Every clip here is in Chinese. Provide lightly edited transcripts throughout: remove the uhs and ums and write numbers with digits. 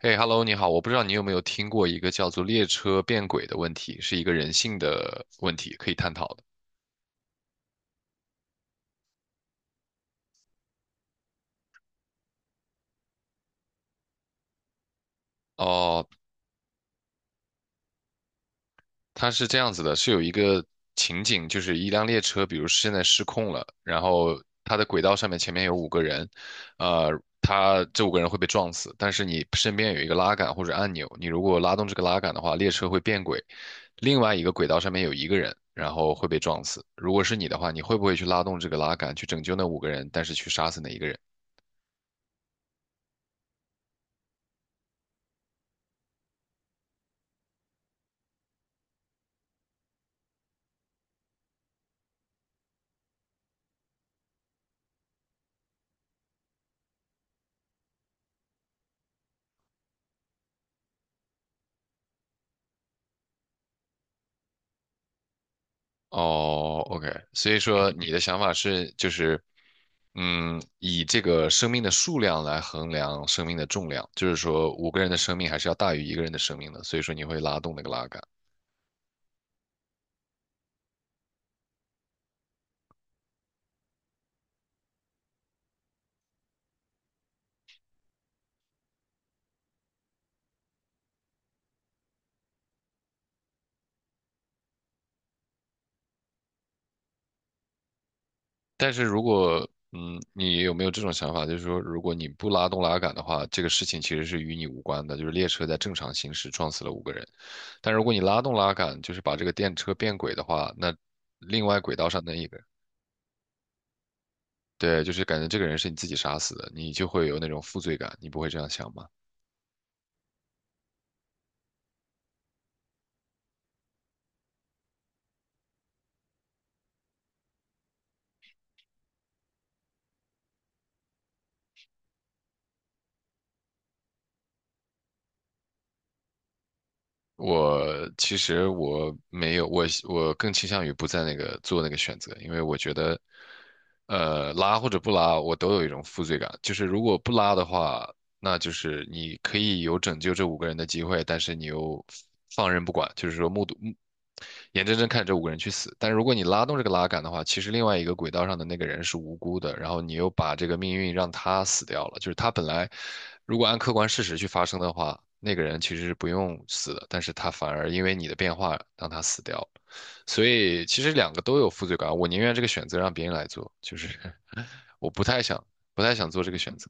嘿，Hello，你好，我不知道你有没有听过一个叫做“列车变轨”的问题，是一个人性的问题，可以探讨的。哦，它是这样子的，是有一个情景，就是一辆列车，比如现在失控了，然后它的轨道上面前面有五个人，呃，他这五个人会被撞死，但是你身边有一个拉杆或者按钮，你如果拉动这个拉杆的话，列车会变轨，另外一个轨道上面有一个人，然后会被撞死。如果是你的话，你会不会去拉动这个拉杆去拯救那五个人，但是去杀死那一个人？哦，OK，所以说你的想法是，就是，嗯，以这个生命的数量来衡量生命的重量，就是说五个人的生命还是要大于一个人的生命的，所以说你会拉动那个拉杆。但是如果，嗯，你有没有这种想法，就是说，如果你不拉动拉杆的话，这个事情其实是与你无关的，就是列车在正常行驶撞死了五个人，但如果你拉动拉杆，就是把这个电车变轨的话，那另外轨道上的一个人。对，就是感觉这个人是你自己杀死的，你就会有那种负罪感，你不会这样想吗？我其实我没有，我更倾向于不在那个做那个选择，因为我觉得拉或者不拉，我都有一种负罪感。就是如果不拉的话，那就是你可以有拯救这五个人的机会，但是你又放任不管，就是说目睹目眼睁睁看着这五个人去死。但是如果你拉动这个拉杆的话，其实另外一个轨道上的那个人是无辜的，然后你又把这个命运让他死掉了。就是他本来如果按客观事实去发生的话，那个人其实是不用死的，但是他反而因为你的变化让他死掉了。所以其实两个都有负罪感，我宁愿这个选择让别人来做，就是 我不太想做这个选择。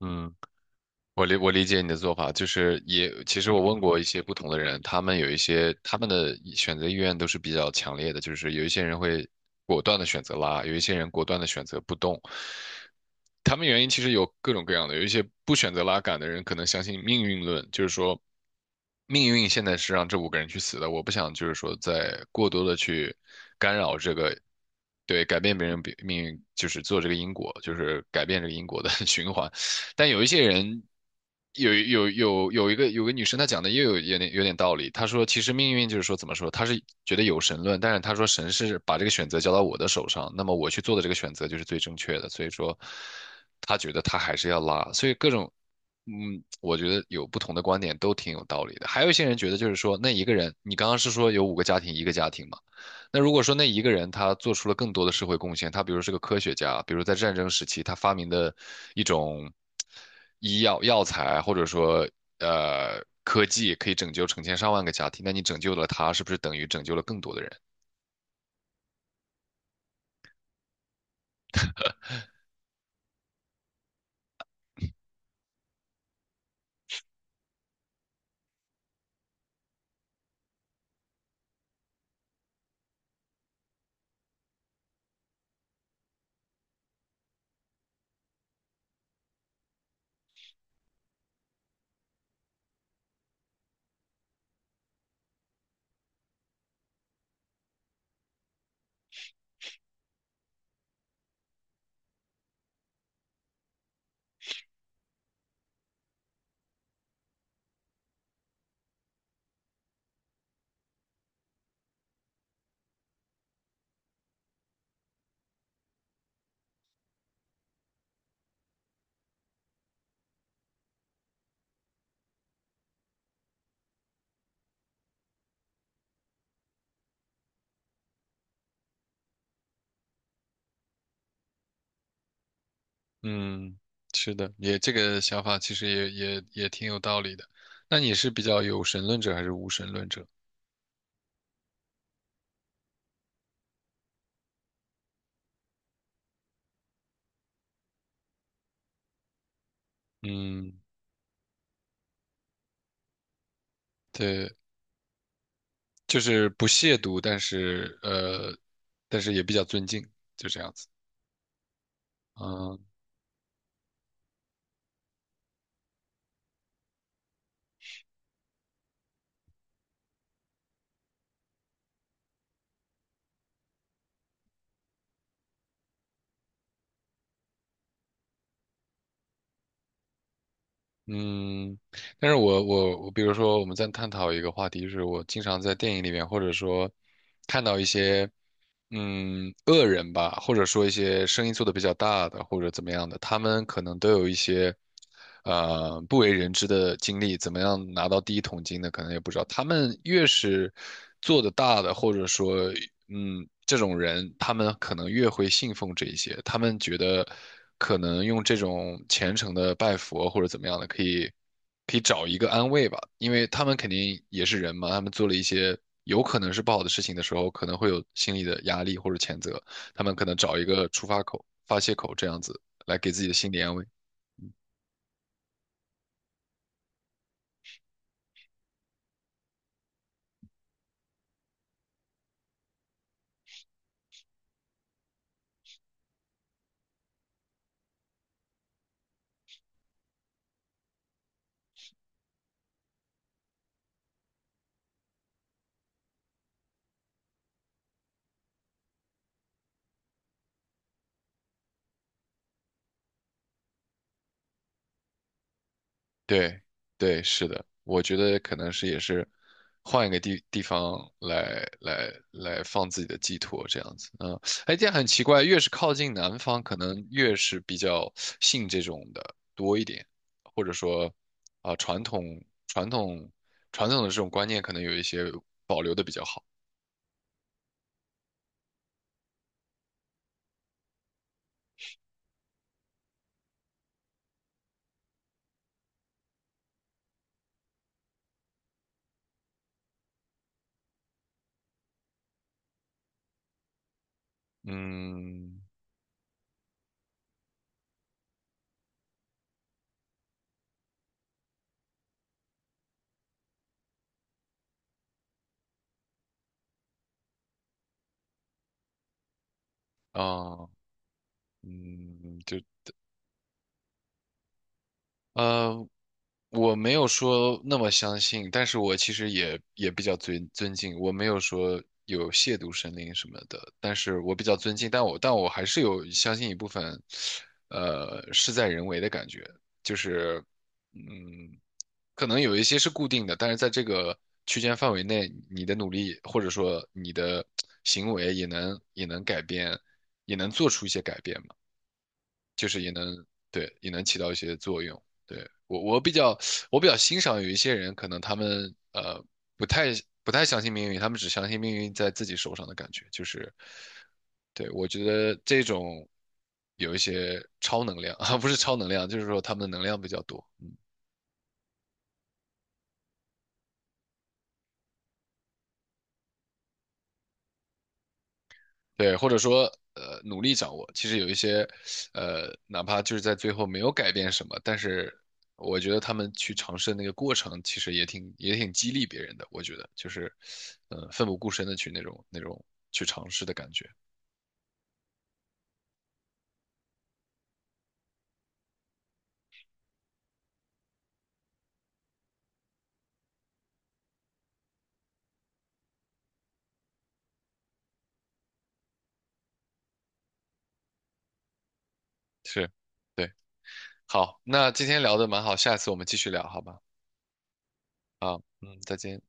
嗯，我理解你的做法，就是也其实我问过一些不同的人，他们有一些他们的选择意愿都是比较强烈的，就是有一些人会果断的选择拉，有一些人果断的选择不动，他们原因其实有各种各样的，有一些不选择拉杆的人可能相信命运论，就是说命运现在是让这五个人去死的，我不想就是说再过多的去干扰这个，对，改变别人比命运，就是做这个因果，就是改变这个因果的 循环。但有一些人，有个女生，她讲的也有点道理。她说，其实命运就是说，怎么说？她是觉得有神论，但是她说神是把这个选择交到我的手上，那么我去做的这个选择就是最正确的。所以说，她觉得她还是要拉。所以各种，嗯，我觉得有不同的观点都挺有道理的。还有一些人觉得就是说，那一个人，你刚刚是说有五个家庭，一个家庭嘛？那如果说那一个人他做出了更多的社会贡献，他比如是个科学家，比如在战争时期他发明的一种医药药材，或者说科技，可以拯救成千上万个家庭，那你拯救了他，是不是等于拯救了更多的人？嗯，是的，也这个想法其实也也挺有道理的。那你是比较有神论者还是无神论者？嗯，对，就是不亵渎，但是但是也比较尊敬，就这样子。嗯，嗯，但是我，比如说我们在探讨一个话题，就是我经常在电影里面，或者说看到一些，嗯，恶人吧，或者说一些生意做得比较大的，或者怎么样的，他们可能都有一些，呃，不为人知的经历，怎么样拿到第一桶金的，可能也不知道。他们越是做得大的，或者说，嗯，这种人，他们可能越会信奉这一些，他们觉得可能用这种虔诚的拜佛或者怎么样的，可以。可以找一个安慰吧，因为他们肯定也是人嘛，他们做了一些有可能是不好的事情的时候，可能会有心理的压力或者谴责，他们可能找一个出发口、发泄口这样子来给自己的心理安慰。对，对，是的，我觉得可能是也是换一个方来放自己的寄托这样子，嗯，哎，这样很奇怪，越是靠近南方，可能越是比较信这种的多一点，或者说啊、传统的这种观念可能有一些保留的比较好，嗯啊、嗯，就。呃我没有说那么相信，但是我其实也也比较尊敬，我没有说有亵渎神灵什么的，但是我比较尊敬，但我还是有相信一部分，呃，事在人为的感觉，就是，嗯，可能有一些是固定的，但是在这个区间范围内，你的努力或者说你的行为也能改变，也能做出一些改变吧。就是也能对也能起到一些作用。对比较欣赏有一些人，可能他们不太不太相信命运，他们只相信命运在自己手上的感觉，就是对我觉得这种有一些超能量 啊，不是超能量，就是说他们的能量比较多。嗯对，或者说努力掌握。其实有一些哪怕就是在最后没有改变什么，但是我觉得他们去尝试的那个过程，其实也挺激励别人的。我觉得就是嗯、奋不顾身的去那种去尝试的感觉是，对。好，那今天聊的蛮好，下次我们继续聊，好吧？啊，嗯，再见。